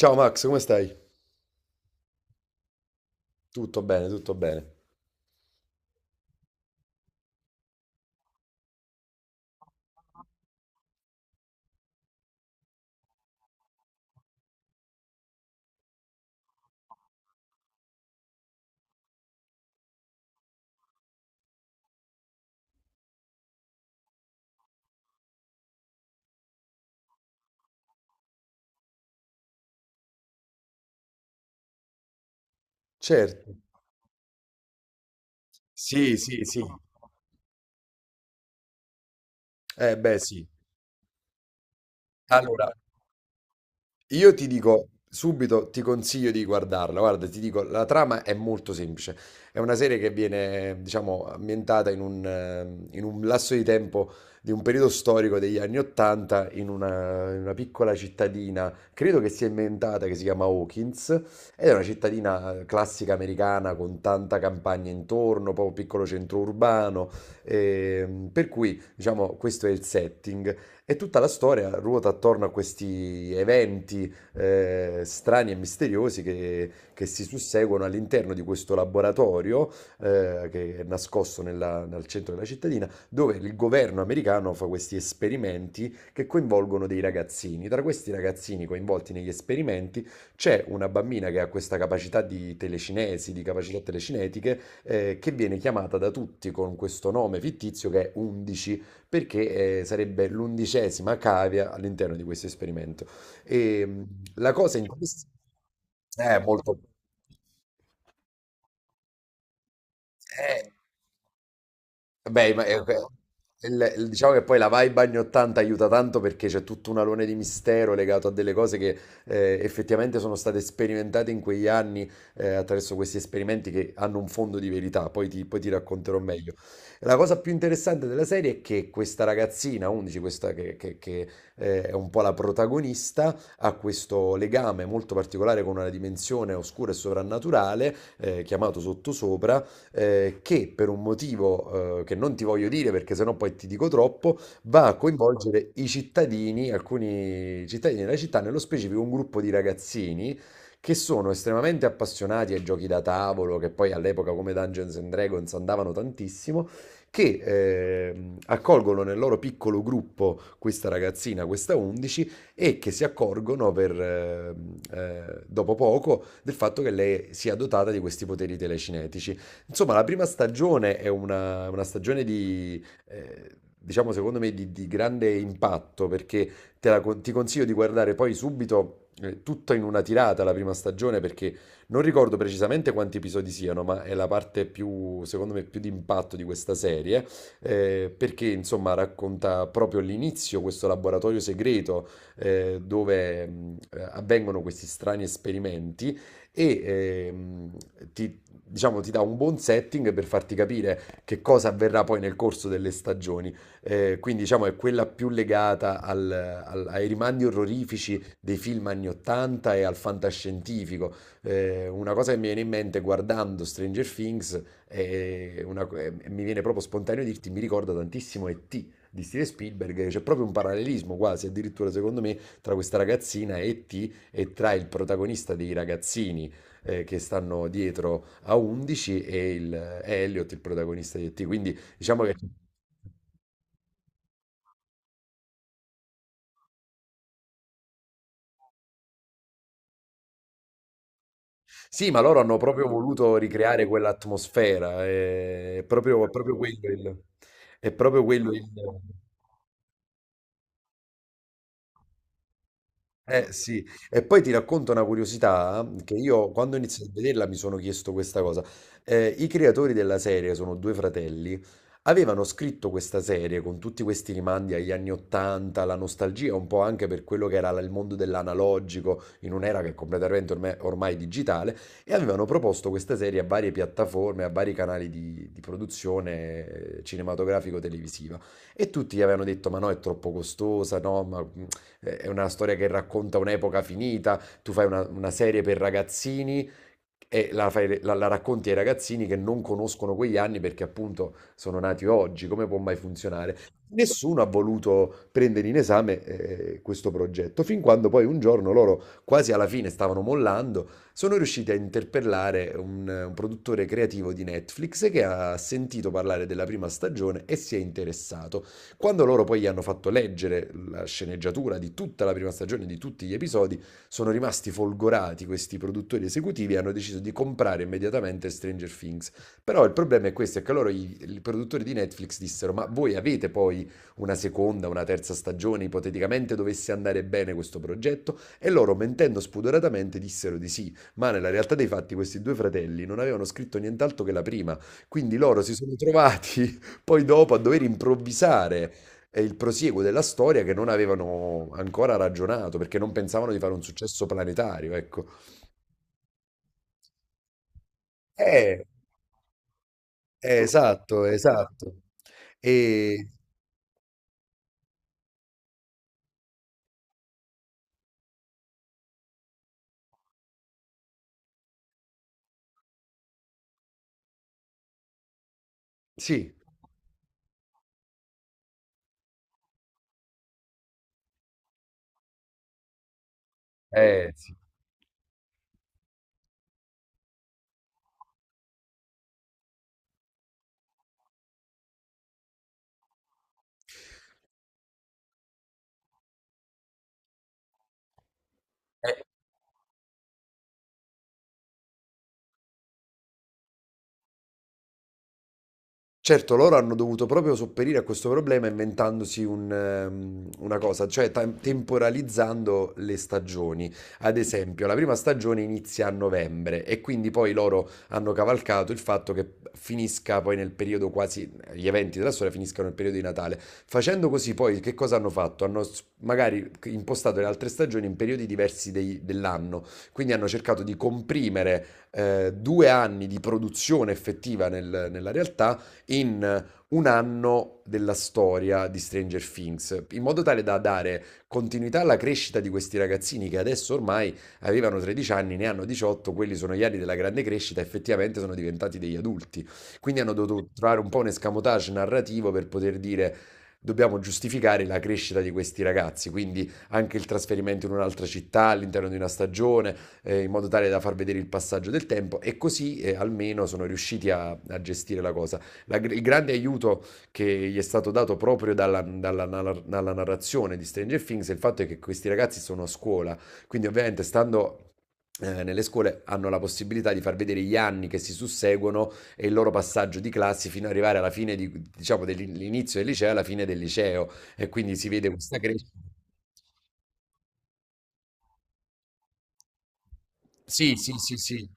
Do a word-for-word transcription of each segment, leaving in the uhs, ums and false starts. Ciao Max, come stai? Tutto bene, tutto bene. Certo. Sì, sì, sì. Eh beh, sì. Allora, io ti dico subito, ti consiglio di guardarla. Guarda, ti dico, la trama è molto semplice. È una serie che viene, diciamo, ambientata in un, ehm, in un lasso di tempo di un periodo storico degli anni Ottanta in una, in una piccola cittadina, credo che sia inventata, che si chiama Hawkins, ed è una cittadina eh, classica americana con tanta campagna intorno, poi un piccolo centro urbano, ehm, per cui, diciamo, questo è il setting. E tutta la storia ruota attorno a questi eventi eh, strani e misteriosi che, che si susseguono all'interno di questo laboratorio eh, che è nascosto nella- nel centro della cittadina, dove il governo americano fa questi esperimenti che coinvolgono dei ragazzini. Tra questi ragazzini coinvolti negli esperimenti c'è una bambina che ha questa capacità di telecinesi, di capacità telecinetiche, eh, che viene chiamata da tutti con questo nome fittizio che è undici perché eh, sarebbe l'undicesima cavia all'interno di questo esperimento. E mh, la cosa interessante è molto... eh, Beh, ma eh, que- il- il- diciamo che poi la vibe anni ottanta aiuta tanto perché c'è tutto un alone di mistero legato a delle cose che eh, effettivamente sono state sperimentate in quegli anni eh, attraverso questi esperimenti che hanno un fondo di verità, poi ti, poi ti racconterò meglio. La cosa più interessante della serie è che questa ragazzina, undici, questa che, che- che, eh, è un po' la protagonista, ha questo legame molto particolare con una dimensione oscura e sovrannaturale, eh, chiamato sottosopra, eh, che per un motivo eh, che non ti voglio dire perché sennò poi ti dico troppo, va a coinvolgere i cittadini, alcuni cittadini della città, nello specifico un gruppo di ragazzini che sono estremamente appassionati ai giochi da tavolo, che poi all'epoca come Dungeons and Dragons andavano tantissimo, che ehm, accolgono nel loro piccolo gruppo questa ragazzina, questa undici, e che si accorgono per, ehm, eh, dopo poco del fatto che lei sia dotata di questi poteri telecinetici. Insomma, la prima stagione è una, una stagione di, eh, diciamo, secondo me, di, di grande impatto, perché te la con- ti consiglio di guardare poi subito, eh, tutta in una tirata la prima stagione, perché non ricordo precisamente quanti episodi siano, ma è la parte più, secondo me, più di impatto di questa serie, eh, perché, insomma, racconta proprio l'inizio, questo laboratorio segreto, eh, dove mh, avvengono questi strani esperimenti e ehm, ti, diciamo, ti dà un buon setting per farti capire che cosa avverrà poi nel corso delle stagioni. Eh, quindi, diciamo, è quella più legata al- al- ai rimandi orrorifici dei film anni ottanta e al fantascientifico. Eh, una cosa che mi viene in mente guardando Stranger Things è una- è- mi viene proprio spontaneo dirti, mi ricorda tantissimo E T di Steven Spielberg, c'è proprio un parallelismo quasi, addirittura secondo me, tra questa ragazzina E T e tra il protagonista dei ragazzini eh, che stanno dietro a undici e il, è Elliot il protagonista di E T. Quindi diciamo che sì, ma loro hanno proprio voluto ricreare quell'atmosfera, è proprio, è proprio quello il, è proprio quello il- Eh sì, e poi ti racconto una curiosità mhmm, che io quando ho iniziato a vederla mi sono chiesto questa cosa. Eh, i creatori della serie sono due fratelli, avevano scritto questa serie con tutti questi rimandi agli anni ottanta, la nostalgia un po' anche per quello che era la- il mondo dell'analogico in un'era che è completamente ormai, ormai digitale e avevano proposto questa serie a varie piattaforme, a vari canali di, di produzione eh, cinematografico-televisiva. E tutti gli avevano detto: "Ma no, è troppo costosa, no, ma eh, è una storia che racconta un'epoca finita, tu fai una, una serie per ragazzini e la, fai- la- la racconti ai ragazzini che non conoscono quegli anni perché appunto sono nati oggi, come può mai funzionare?" Nessuno ha voluto prendere in esame eh, questo progetto, fin quando poi un giorno loro, quasi alla fine, stavano mollando, sono riusciti a interpellare un, un produttore creativo di Netflix che ha sentito parlare della prima stagione e si è interessato. Quando loro poi gli hanno fatto leggere la sceneggiatura di tutta la prima stagione, di tutti gli episodi, sono rimasti folgorati questi produttori esecutivi e hanno deciso di comprare immediatamente Stranger Things. Però il problema è questo, è che loro i, i produttori di Netflix dissero: "Ma voi avete poi una seconda, una terza stagione, ipoteticamente dovesse andare bene questo progetto?" E loro mentendo spudoratamente dissero di sì, ma nella realtà dei fatti questi due fratelli non avevano scritto nient'altro che la prima, quindi loro si sono trovati poi dopo a dover improvvisare è il prosieguo della storia che non avevano ancora ragionato perché non pensavano di fare un successo planetario, ecco. Eh, eh, esatto, esatto. E sì, eh, sì. Eh, Certo, loro hanno dovuto proprio sopperire a questo problema inventandosi un, ehm, una cosa, cioè tem- temporalizzando le stagioni. Ad esempio, la prima stagione inizia a novembre e quindi poi loro hanno cavalcato il fatto che finisca poi nel periodo quasi, gli eventi della storia finiscano nel periodo di Natale. Facendo così poi che cosa hanno fatto? Hanno s- magari impostato le altre stagioni in periodi diversi dei- dell'anno, quindi hanno cercato di comprimere eh, due anni di produzione effettiva nel- nella realtà in eh, un anno della storia di Stranger Things, in modo tale da dare continuità alla crescita di questi ragazzini che adesso ormai avevano tredici anni, ne hanno diciotto, quelli sono gli anni della grande crescita, effettivamente sono diventati degli adulti. Quindi hanno dovuto trovare un po' un escamotage narrativo per poter dire: "Dobbiamo giustificare la crescita di questi ragazzi", quindi anche il trasferimento in un'altra città all'interno di una stagione, eh, in modo tale da far vedere il passaggio del tempo e così eh, almeno sono riusciti a, a gestire la cosa. La gr- il grande aiuto che gli è stato dato proprio dalla, dalla nar- dalla narrazione di Stranger Things è il fatto è che questi ragazzi sono a scuola, quindi ovviamente stando... eh, nelle scuole hanno la possibilità di far vedere gli anni che si susseguono e il loro passaggio di classi fino ad arrivare alla fine di- diciamo, dell'inizio del liceo alla fine del liceo e quindi si vede questa crescita. Sì, sì, sì, sì.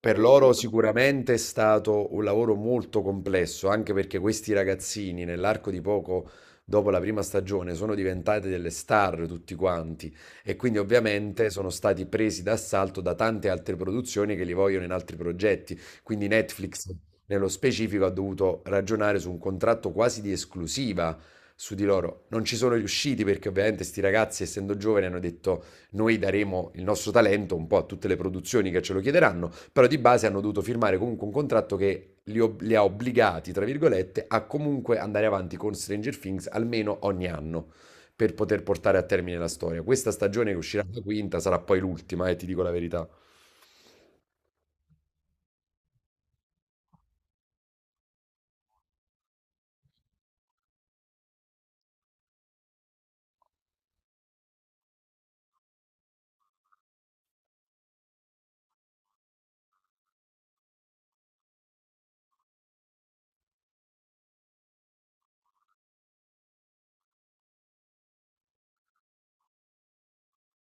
Per loro sicuramente è stato un lavoro molto complesso, anche perché questi ragazzini nell'arco di poco dopo la prima stagione sono diventati delle star tutti quanti e quindi ovviamente sono stati presi d'assalto da tante altre produzioni che li vogliono in altri progetti. Quindi Netflix nello specifico ha dovuto ragionare su un contratto quasi di esclusiva su di loro. Non ci sono riusciti perché ovviamente sti ragazzi, essendo giovani, hanno detto: "Noi daremo il nostro talento un po' a tutte le produzioni che ce lo chiederanno", però di base hanno dovuto firmare comunque un contratto che li, ob- li ha obbligati, tra virgolette, a comunque andare avanti con Stranger Things almeno ogni anno per poter portare a termine la storia. Questa stagione che uscirà la quinta sarà poi l'ultima, e eh, ti dico la verità.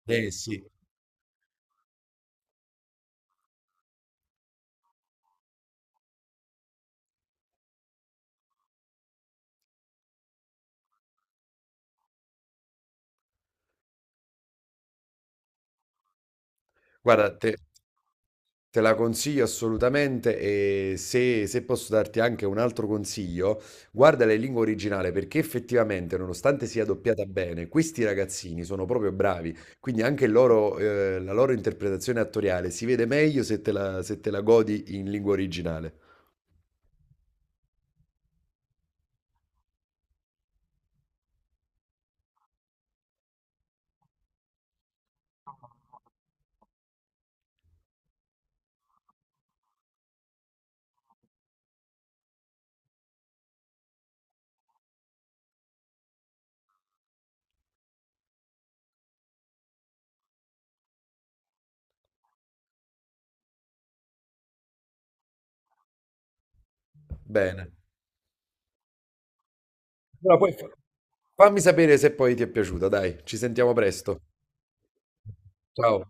Eh sì, Guarda, te, te la consiglio assolutamente e se, se posso darti anche un altro consiglio, guardala in lingua originale perché effettivamente, nonostante sia doppiata bene, questi ragazzini sono proprio bravi, quindi anche il loro, eh, la loro interpretazione attoriale si vede meglio se te la, se te la godi in lingua originale. Bene. Allora, poi fa- fammi sapere se poi ti è piaciuta, dai, ci sentiamo presto. Ciao.